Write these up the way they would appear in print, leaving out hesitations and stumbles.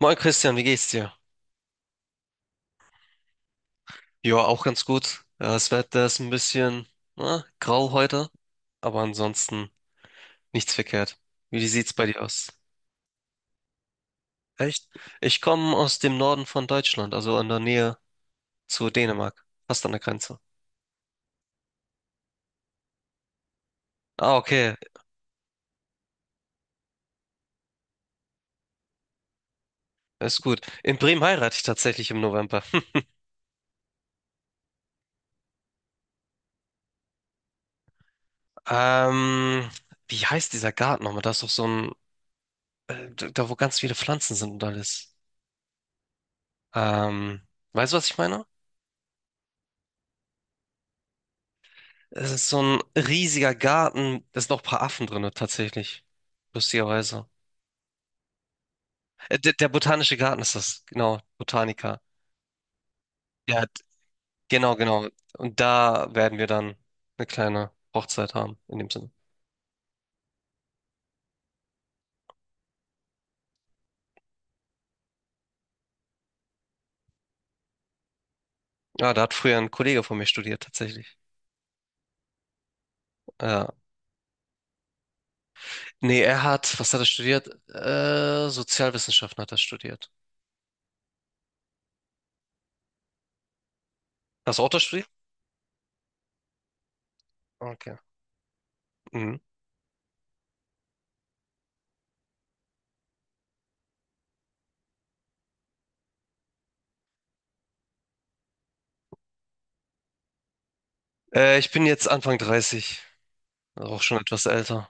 Moin Christian, wie geht's dir? Ja, auch ganz gut. Das Wetter ist ein bisschen na, grau heute, aber ansonsten nichts verkehrt. Wie sieht's bei dir aus? Echt? Ich komme aus dem Norden von Deutschland, also in der Nähe zu Dänemark, fast an der Grenze. Ah, okay, ist gut. In Bremen heirate ich tatsächlich im November. Ähm, Wie heißt dieser Garten nochmal? Da ist doch so ein, da, wo ganz viele Pflanzen sind und alles. Ähm, Weißt du, was ich meine? Es ist so ein riesiger Garten. Da sind noch ein paar Affen drin, tatsächlich. Lustigerweise. Der botanische Garten ist das, genau. Botanica. Ja, genau, genau. Und da werden wir dann eine kleine Hochzeit haben, in dem Sinne. Ja, da hat früher ein Kollege von mir studiert, tatsächlich. Ja. Nee, er hat, was hat er studiert? Sozialwissenschaften hat er studiert. Hast du auch das studiert? Okay. Mhm. Ich bin jetzt Anfang 30, auch schon etwas älter.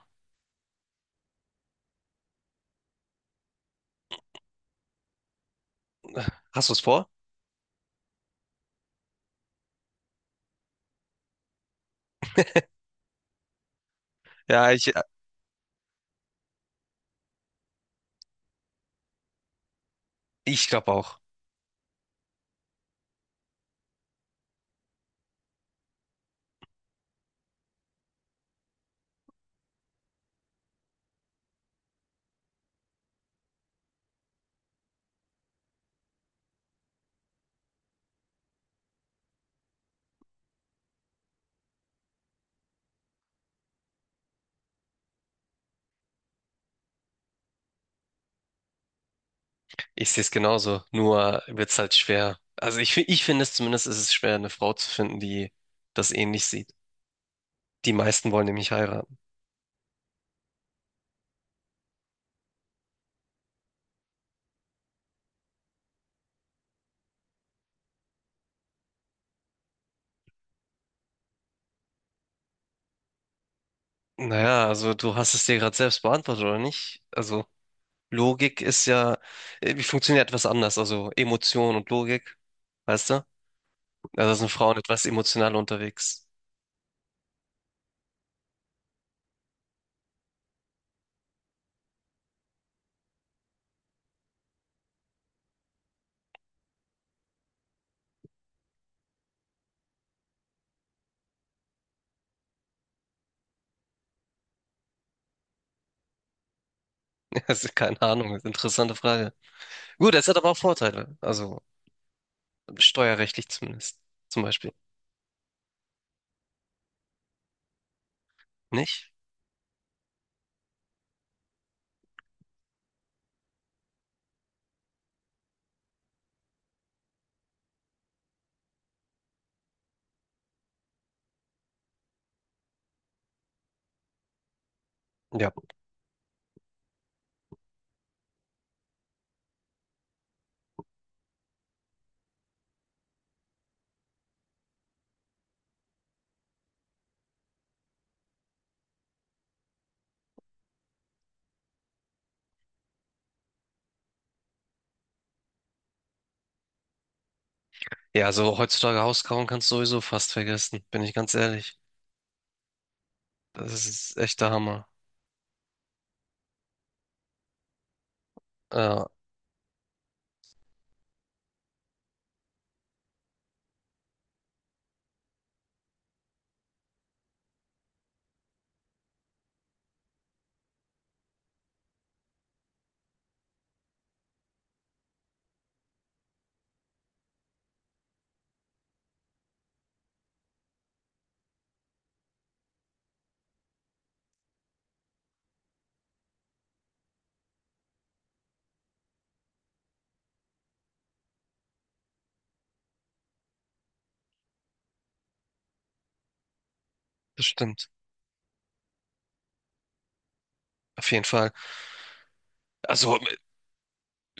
Hast du es vor? Ja, ich glaube auch. Ich sehe es genauso, nur wird es halt schwer. Also ich finde es zumindest, ist es schwer, eine Frau zu finden, die das ähnlich sieht. Die meisten wollen nämlich heiraten. Naja, also du hast es dir gerade selbst beantwortet, oder nicht? Also Logik ist ja, wie funktioniert etwas anders? Also Emotion und Logik, weißt du? Also sind Frauen etwas emotionaler unterwegs. Also keine Ahnung, ist eine interessante Frage. Gut, es hat aber auch Vorteile, also steuerrechtlich zumindest, zum Beispiel. Nicht? Ja. Ja, also heutzutage Hauskauen kannst du sowieso fast vergessen, bin ich ganz ehrlich. Das ist echt der Hammer. Ja, das stimmt. Auf jeden Fall. Also,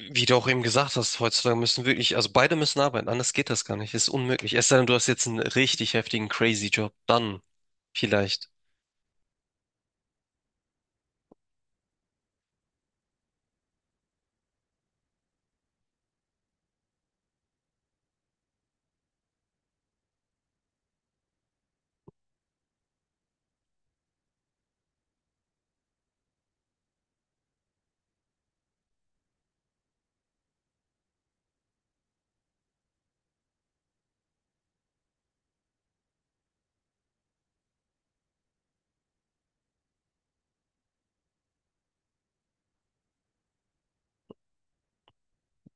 wie du auch eben gesagt hast, heutzutage müssen wirklich, also beide müssen arbeiten, anders geht das gar nicht. Ist unmöglich. Es sei denn, du hast jetzt einen richtig heftigen crazy Job, dann vielleicht.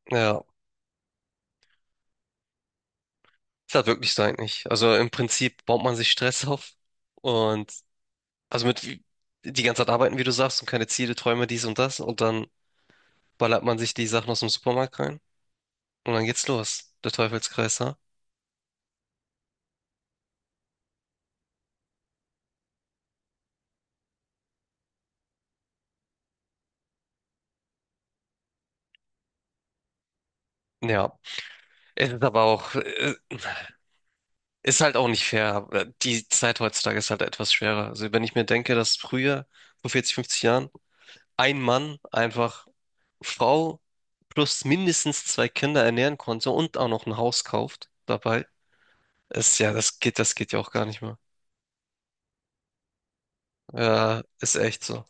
Ja, ist halt wirklich so eigentlich. Also im Prinzip baut man sich Stress auf und also mit die ganze Zeit arbeiten, wie du sagst, und keine Ziele, Träume, dies und das und dann ballert man sich die Sachen aus dem Supermarkt rein. Und dann geht's los, der Teufelskreis, ne? Ja, es ist aber auch, ist halt auch nicht fair. Die Zeit heutzutage ist halt etwas schwerer. Also wenn ich mir denke, dass früher, vor 40, 50 Jahren, ein Mann einfach Frau plus mindestens zwei Kinder ernähren konnte und auch noch ein Haus kauft dabei, ist ja, das geht ja auch gar nicht mehr. Ja, ist echt so.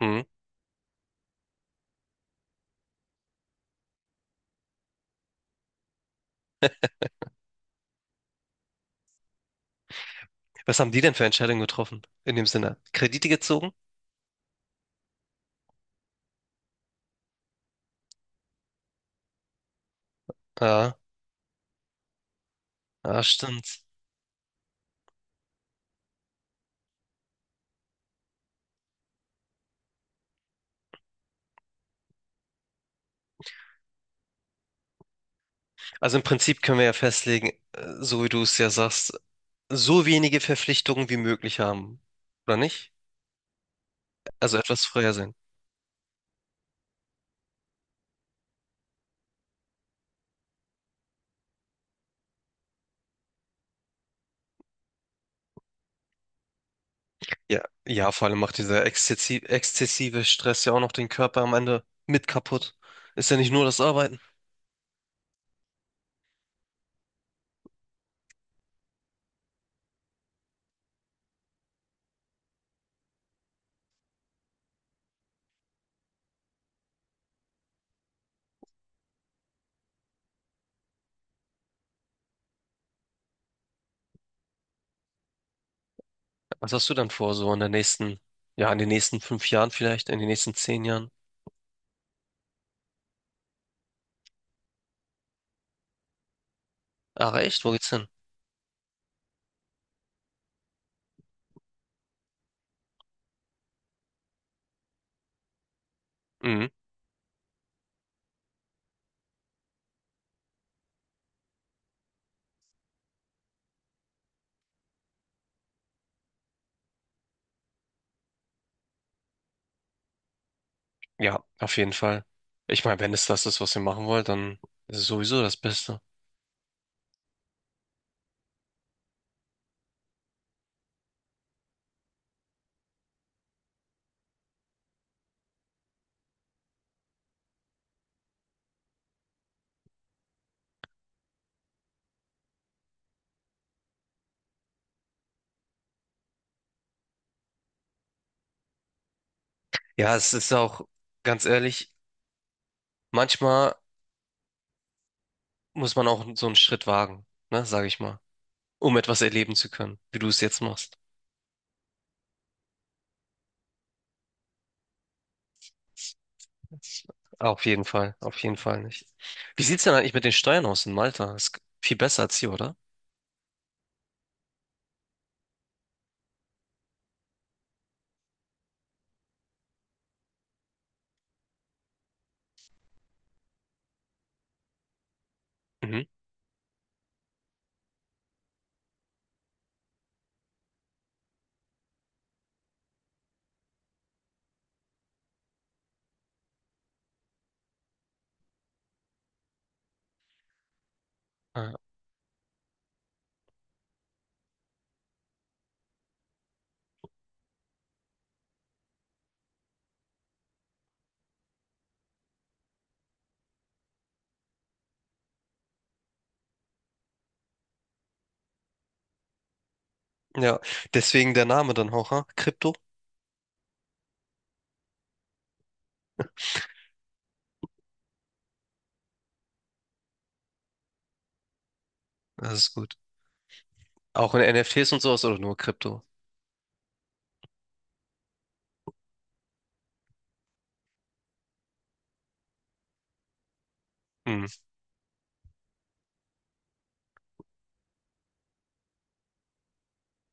Hm. Was haben die denn für Entscheidungen getroffen? In dem Sinne, Kredite gezogen? Ja, ja, stimmt. Also im Prinzip können wir ja festlegen, so wie du es ja sagst, so wenige Verpflichtungen wie möglich haben, oder nicht? Also etwas freier sein. Ja, ja, vor allem macht dieser exzessive Stress ja auch noch den Körper am Ende mit kaputt. Ist ja nicht nur das Arbeiten. Was hast du dann vor, so in der nächsten, ja, in den nächsten 5 Jahren vielleicht, in den nächsten 10 Jahren? Ach echt, wo geht's hin? Mhm. Ja, auf jeden Fall. Ich meine, wenn es das ist, was ihr machen wollt, dann ist es sowieso das Beste. Ja, es ist auch, ganz ehrlich, manchmal muss man auch so einen Schritt wagen, ne, sage ich mal, um etwas erleben zu können, wie du es jetzt machst. Das- auf jeden Fall nicht. Wie sieht's denn eigentlich mit den Steuern aus in Malta? Ist viel besser als hier, oder? Mhm. Ah, ja, deswegen der Name dann auch, ha? Krypto? Das ist gut. Auch in NFTs und sowas oder nur Krypto? Hm.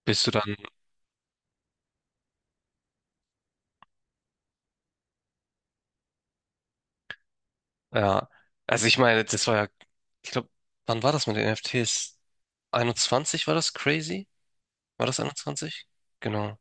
Bist du dann, ja. Also ich meine, das war ja, ich glaube, wann war das mit den NFTs? 21 war das crazy? War das 21? Genau.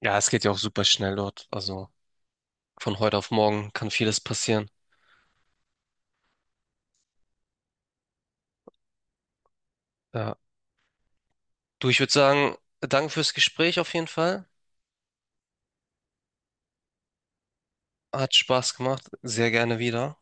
Ja, es geht ja auch super schnell dort. Also. Von heute auf morgen kann vieles passieren. Ja. Du, ich würde sagen, danke fürs Gespräch auf jeden Fall. Hat Spaß gemacht. Sehr gerne wieder.